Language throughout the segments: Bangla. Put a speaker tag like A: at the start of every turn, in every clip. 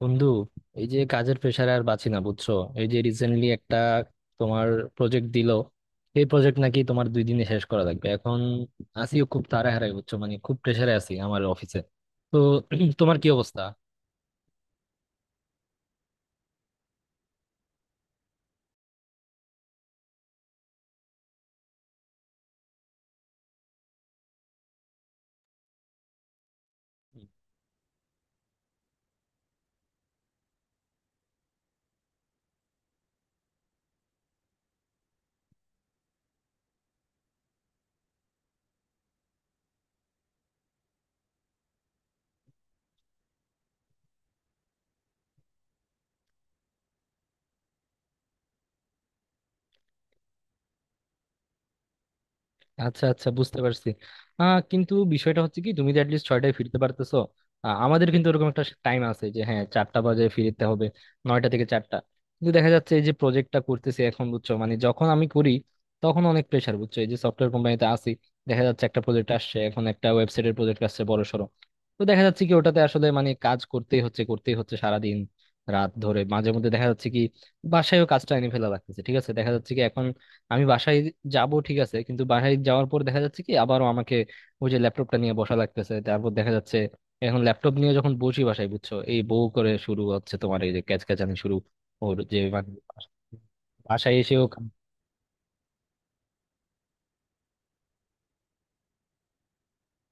A: বন্ধু, এই যে কাজের প্রেশারে আর বাঁচি না বুঝছো। এই যে রিসেন্টলি একটা তোমার প্রজেক্ট দিল। এই প্রজেক্ট নাকি তোমার দুই দিনে শেষ করা লাগবে এখন, আসিও খুব তাড়াহাড়াই বুঝছো, মানে খুব প্রেশারে আছি আমার অফিসে। তো তোমার কি অবস্থা? আচ্ছা আচ্ছা, বুঝতে পারছি। কিন্তু বিষয়টা হচ্ছে কি, তুমি তো অ্যাটলিস্ট ছয়টায় ফিরতে পারতেছো। আমাদের কিন্তু ওরকম একটা টাইম আছে যে, হ্যাঁ চারটা বাজে ফিরতে হবে। নয়টা থেকে চারটা। কিন্তু দেখা যাচ্ছে এই যে প্রজেক্টটা করতেছি এখন বুঝছো, মানে যখন আমি করি তখন অনেক প্রেশার বুঝছো, এই যে সফটওয়্যার কোম্পানিতে আসি। দেখা যাচ্ছে একটা প্রজেক্ট আসছে এখন, একটা ওয়েবসাইটের প্রজেক্ট আসছে বড় সড়ো। তো দেখা যাচ্ছে কি ওটাতে আসলে মানে কাজ করতেই হচ্ছে, করতেই হচ্ছে সারাদিন রাত ধরে, মাঝে মধ্যে দেখা যাচ্ছে কি বাসায়ও কাজটা এনে ফেলা লাগতেছে, ঠিক আছে। দেখা যাচ্ছে কি এখন আমি বাসায় যাব ঠিক আছে, কিন্তু বাসায় যাওয়ার পর দেখা যাচ্ছে কি আবারও আমাকে ওই যে ল্যাপটপটা নিয়ে বসা লাগতেছে। তারপর দেখা যাচ্ছে এখন ল্যাপটপ নিয়ে যখন বসি বাসায় বুঝছো, এই বউ করে শুরু হচ্ছে, তোমার এই যে ক্যাচ ক্যাচানি শুরু। ওর যে মানে বাসায় এসেও।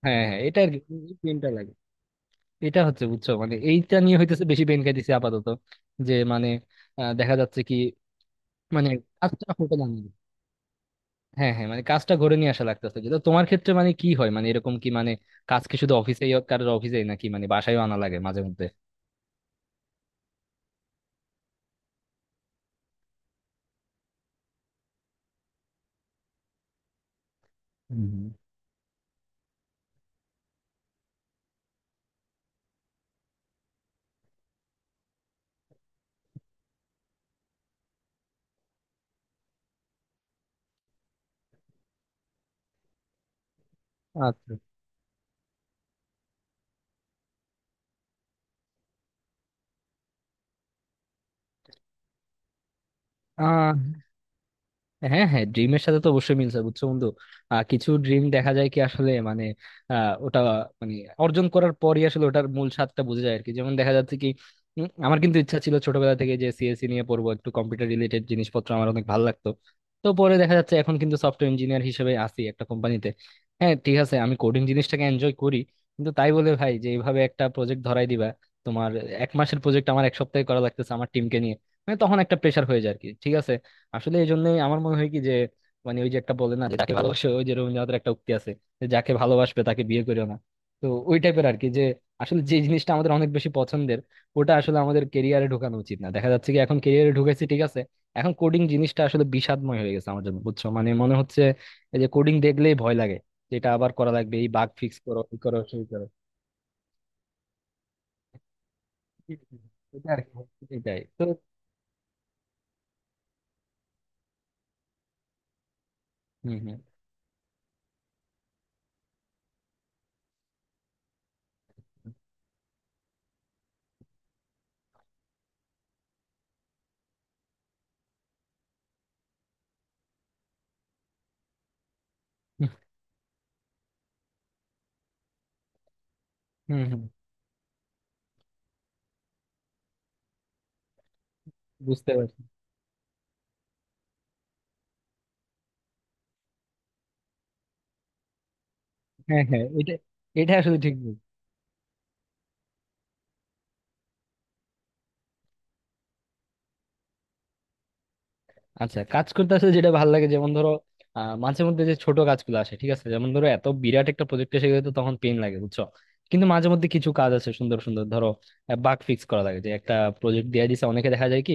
A: হ্যাঁ হ্যাঁ, এটা আর কি, পেনটা লাগে। এটা হচ্ছে বুঝছো, মানে এইটা নিয়ে হইতেছে, বেশি পেন খাইতেছি আপাতত, যে মানে দেখা যাচ্ছে কি, মানে কাজটা হতে না। হ্যাঁ হ্যাঁ, মানে কাজটা ঘরে নিয়ে আসা লাগতেছে, কিন্তু তোমার ক্ষেত্রে মানে কি হয়, মানে এরকম কি, মানে কাজ কি শুধু অফিসেই, কারোর অফিসেই নাকি মানে বাসায়ও আনা লাগে মাঝে মধ্যে? হুম হুম। আচ্ছা। আহ হ্যাঁ হ্যাঁ, ড্রিমের সাথে তো অবশ্যই মিলছে বুঝছো বন্ধু। কিছু ড্রিম দেখা যায় কি আসলে, মানে ওটা মানে অর্জন করার পরই আসলে ওটার মূল স্বাদটা বোঝা যায় আর কি, যেমন দেখা যাচ্ছে কি। আমার কিন্তু ইচ্ছা ছিল ছোটবেলা থেকে যে সিএসসি নিয়ে পড়বো, একটু কম্পিউটার রিলেটেড জিনিসপত্র আমার অনেক ভালো লাগতো। তো পরে দেখা যাচ্ছে এখন কিন্তু সফটওয়্যার ইঞ্জিনিয়ার হিসেবে আছি একটা কোম্পানিতে। হ্যাঁ ঠিক আছে, আমি কোডিং জিনিসটাকে এনজয় করি। কিন্তু তাই বলে ভাই যে এইভাবে একটা প্রজেক্ট ধরাই দিবা? তোমার এক মাসের প্রজেক্ট আমার এক সপ্তাহে করা লাগতেছে আমার টিমকে নিয়ে। মানে তখন একটা প্রেশার হয়ে যায় আর কি, ঠিক আছে। আসলে এই জন্যই আমার মনে হয় কি যে, মানে ওই যে একটা বলে না যে যাকে ভালোবাসো, ওই যে রবীন্দ্রনাথের একটা উক্তি আছে যে যাকে ভালোবাসবে তাকে বিয়ে করিও না। তো ওই টাইপের আর কি, যে আসলে যে জিনিসটা আমাদের অনেক বেশি পছন্দের ওটা আসলে আমাদের কেরিয়ারে ঢোকানো উচিত না। দেখা যাচ্ছে কি এখন কেরিয়ারে ঢুকেছি ঠিক আছে। এখন কোডিং জিনিসটা আসলে বিষাদময় হয়ে গেছে আমার জন্য বুঝছো, মানে মনে হচ্ছে এই যে কোডিং দেখলেই ভয় লাগে, যেটা আবার করা লাগবে, এই বাগ ফিক্স করো, এই করো সেই করো। এটা আর কি, এটাই তো। হম হম। হম হম। বুঝতে পারছি। হ্যাঁ হ্যাঁ, এটা এটা আসলে ঠিক। আচ্ছা, কাজ করতে আসলে যেটা ভালো লাগে, যেমন ধরো, মাঝে মধ্যে যে ছোট কাজগুলো আসে ঠিক আছে, যেমন ধরো এত বিরাট একটা প্রজেক্ট এসে গেলে তো তখন পেন লাগে বুঝছো। কিন্তু মাঝে মধ্যে কিছু কাজ আছে সুন্দর সুন্দর, ধরো বাগ ফিক্স করা লাগে যে একটা প্রজেক্ট দিয়ে দিছে অনেকে, দেখা যায় কি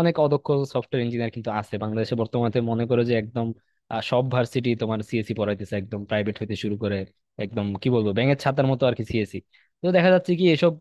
A: অনেক অদক্ষ সফটওয়্যার ইঞ্জিনিয়ার কিন্তু আছে বাংলাদেশে বর্তমানে। মনে করো যে একদম, সব ভার্সিটি তোমার সিএসি পড়াইতেছে একদম প্রাইভেট হইতে শুরু করে, একদম কি বলবো ব্যাঙের ছাতার মতো আর কি সিএসি। তো দেখা যাচ্ছে কি এসব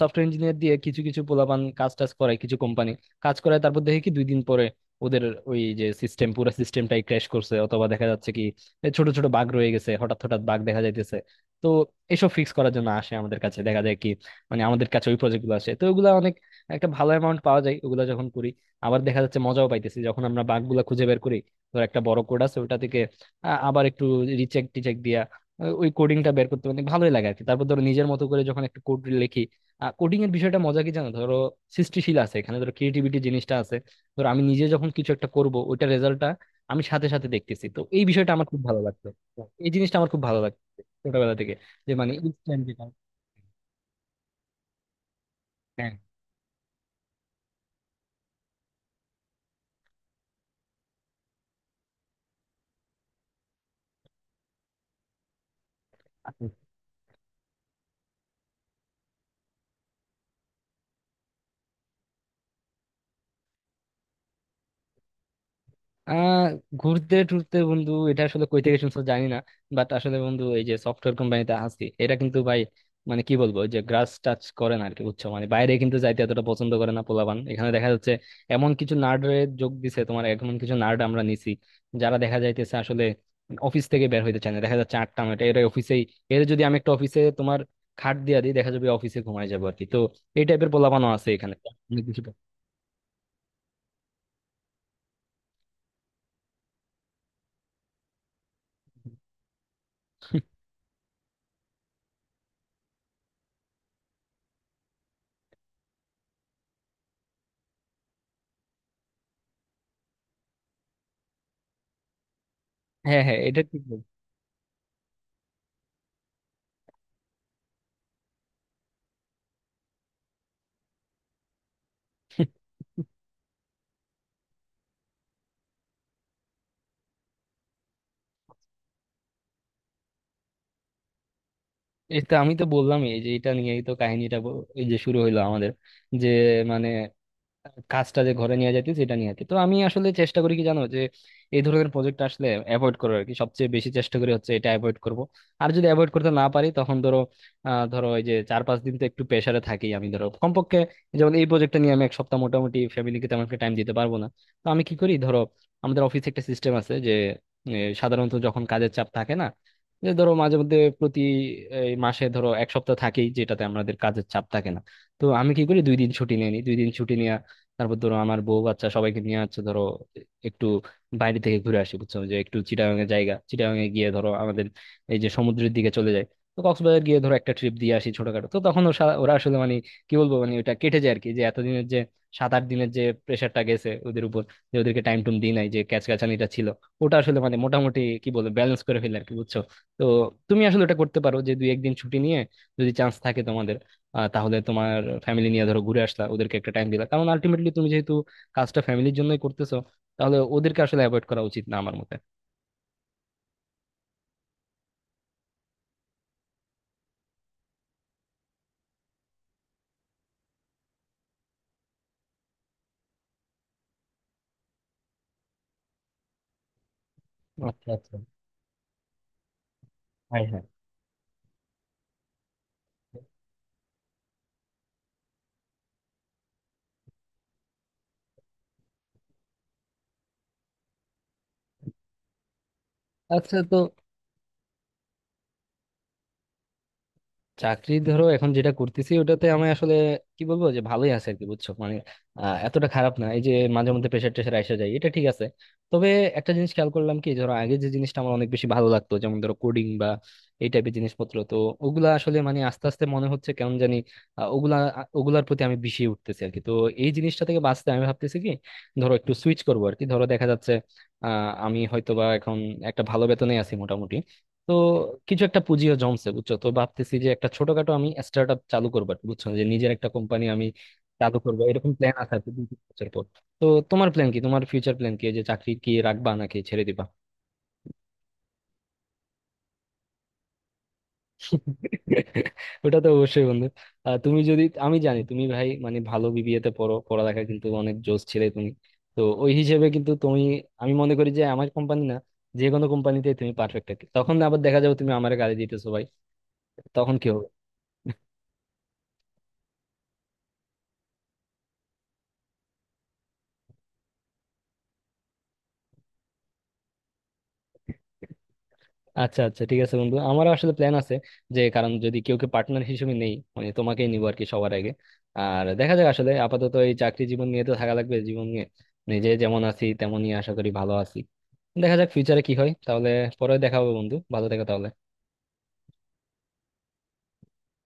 A: সফটওয়্যার ইঞ্জিনিয়ার দিয়ে কিছু কিছু পোলাপান কাজ টাজ করায়, কিছু কোম্পানি কাজ করায়, তারপর দেখি কি দুই দিন পরে ওদের ওই যে সিস্টেম পুরো সিস্টেমটাই ক্র্যাশ করছে, অথবা দেখা যাচ্ছে কি এ ছোট ছোট বাগ রয়ে গেছে, হঠাৎ হঠাৎ বাগ দেখা যাইতেছে। তো এসব ফিক্স করার জন্য আসে আমাদের কাছে, দেখা যায় কি মানে আমাদের কাছে ওই প্রজেক্ট গুলো আসে, তো ওগুলা অনেক, একটা ভালো অ্যামাউন্ট পাওয়া যায় ওগুলা যখন করি। আবার দেখা যাচ্ছে মজাও পাইতেছি যখন আমরা বাগ গুলা খুঁজে বের করি। ধর একটা বড় কোড আছে ওটা থেকে আবার একটু রিচেক টিচেক দিয়া ওই কোডিংটা বের করতে অনেক ভালোই লাগে আর কি, তারপর ধরো নিজের মতো করে যখন একটা কোড লিখি। কোডিং এর বিষয়টা মজা কি জানো, ধরো সৃষ্টিশীল আছে এখানে, ধরো ক্রিয়েটিভিটি জিনিসটা আছে। ধর আমি নিজে যখন কিছু একটা করব ওইটার রেজাল্টটা আমি সাথে সাথে দেখতেছি, তো এই বিষয়টা আমার খুব ভালো লাগতো। এই জিনিসটা আমার খুব ভালো লাগতো ছোটবেলা থেকে, যে মানে ইনস্ট্যান্ট যেটা। আহ ঘুরতে টুরতে বন্ধু? এটা আসলে কই থেকে শুনছো জানি না। বাট আসলে বন্ধু, এই যে সফটওয়্যার কোম্পানিতে আছি এটা কিন্তু ভাই, মানে কি বলবো, ওই যে গ্রাস টাচ করে না আরকি বুঝছো, মানে বাইরে কিন্তু যাইতে এতটা পছন্দ করে না পোলাপান এখানে দেখা যাচ্ছে। এমন কিছু নার্ডের যোগ দিছে তোমার, এমন কিছু নার্ড আমরা নিছি, যারা দেখা যাইতেছে আসলে অফিস থেকে বের হইতে চায় না। দেখা যাচ্ছে আটটা নয়টা এরা অফিসেই। এর যদি আমি একটা অফিসে তোমার খাট দিয়া দিই দেখা যাবে অফিসে ঘুমায় যাবো আর কি। তো এই টাইপের পোলাপানও আছে এখানে। অনেক কিছু। হ্যাঁ হ্যাঁ, এটা ঠিক বলছো। এটা আমি তো বললামই, এই যে এটা নিয়েই তো কাহিনীটা এই যে শুরু হইলো আমাদের, যে মানে কাজটা যে ঘরে নিয়ে যাইতেছি সেটা নিয়ে আর কি। তো আমি আসলে চেষ্টা করি কি জানো, যে এই ধরনের প্রজেক্ট আসলে অ্যাভয়েড করার আর কি, সবচেয়ে বেশি চেষ্টা করি হচ্ছে এটা অ্যাভয়েড করব। আর যদি অ্যাভয়েড করতে না পারি তখন ধরো, ধরো এই যে চার পাঁচ দিন তো একটু প্রেসারে থাকি আমি ধরো কমপক্ষে। যেমন এই প্রজেক্টটা নিয়ে আমি এক সপ্তাহ মোটামুটি ফ্যামিলিকে তেমন একটা টাইম দিতে পারবো না। তো আমি কি করি ধরো, আমাদের অফিসে একটা সিস্টেম আছে যে, সাধারণত যখন কাজের চাপ থাকে না, যে ধরো মাঝে মধ্যে প্রতি এই মাসে ধরো এক সপ্তাহ থাকেই যেটাতে আমাদের কাজের চাপ থাকে না। তো আমি কি করি, দুই দিন ছুটি নিয়ে নিই, দুই দিন ছুটি। তারপর ধরো আমার বউ বাচ্চা সবাইকে নিয়ে হচ্ছে ধরো একটু বাইরে থেকে ঘুরে আসি বুঝছো, যে একটু চিটাগাং এর জায়গা, চিটাগাং এ গিয়ে ধরো আমাদের এই যে সমুদ্রের দিকে চলে যায়। তো কক্সবাজার গিয়ে ধরো একটা ট্রিপ দিয়ে আসি ছোটখাটো। তো তখন ওরা ওরা আসলে মানে কি বলবো, মানে ওটা কেটে যায় আর কি, যে এতদিনের যে সাত আট দিনের যে প্রেশারটা গেছে ওদের উপর, যে ওদেরকে টাইম টুম দিই নাই, যে ক্যাচ ক্যাচানিটা ছিল ওটা আসলে মানে মোটামুটি কি বলবো ব্যালেন্স করে ফেলে আর কি, বুঝছো। তো তুমি আসলে ওটা করতে পারো যে দুই একদিন ছুটি নিয়ে, যদি চান্স থাকে তোমাদের, তাহলে তোমার ফ্যামিলি নিয়ে ধরো ঘুরে আসলা, ওদেরকে একটা টাইম দিলা, কারণ আলটিমেটলি তুমি যেহেতু কাজটা ফ্যামিলির জন্যই করতেছো, তাহলে ওদেরকে আসলে অ্যাভয়েড করা উচিত না আমার মতে। আচ্ছা আচ্ছা। হ্যাঁ হ্যাঁ। আচ্ছা, তো চাকরি ধরো এখন যেটা করতেছি ওটাতে আমি আসলে কি বলবো, যে ভালোই আছে আর কি বুঝছো, মানে এতটা খারাপ না। এই যে মাঝে মধ্যে প্রেশার টেশার আসা যায় এটা ঠিক আছে। তবে একটা জিনিস খেয়াল করলাম কি, ধরো আগে যে জিনিসটা আমার অনেক বেশি ভালো লাগতো যেমন ধরো কোডিং বা এই টাইপের জিনিসপত্র, তো ওগুলা আসলে মানে আস্তে আস্তে মনে হচ্ছে কেমন জানি, আহ, ওগুলা ওগুলার প্রতি আমি বিষিয়ে উঠতেছি আর কি। তো এই জিনিসটা থেকে বাঁচতে আমি ভাবতেছি কি, ধরো একটু সুইচ করবো আর কি, ধরো দেখা যাচ্ছে আহ আমি হয়তো বা এখন একটা ভালো বেতনে আছি মোটামুটি, তো কিছু একটা পুঁজিও জমছে বুঝছো, তো ভাবতেছি যে একটা ছোটখাটো আমি স্টার্ট আপ চালু করবো আর কি, বুঝছো, যে নিজের একটা কোম্পানি আমি চালু করবো, এরকম প্ল্যান আছে আর কি দুই তিন বছর পর। তো তোমার প্ল্যান কি, তোমার ফিউচার প্ল্যান কি, এই যে চাকরি কি রাখবা নাকি ছেড়ে দিবা? ওটা তো অবশ্যই বন্ধু। তুমি যদি, আমি জানি তুমি ভাই মানে ভালো বিবিএ তে পড়ো, পড়ালেখা কিন্তু অনেক জোশ ছিলে তুমি। তো ওই হিসেবে কিন্তু তুমি, আমি মনে করি যে আমার কোম্পানি না, যে কোনো কোম্পানিতে তুমি পারফেক্ট আর কি। তখন আবার দেখা যাবে তুমি আমার গালি দিতেছো ভাই, তখন কি হবে? আচ্ছা আচ্ছা, ঠিক আছে বন্ধু, আমারও আসলে প্ল্যান আছে। যে কারণ যদি কেউ কে পার্টনার হিসেবে নেই মানে তোমাকেই নিবো আর কি, সবার আগে। আর দেখা যাক আসলে, আপাতত এই চাকরি জীবন নিয়ে তো থাকা লাগবে। জীবন নিয়ে নিজে যেমন আছি তেমনই আশা করি ভালো আছি। দেখা যাক ফিউচারে কি হয়। তাহলে পরে দেখা হবে বন্ধু, ভালো থেকো তাহলে।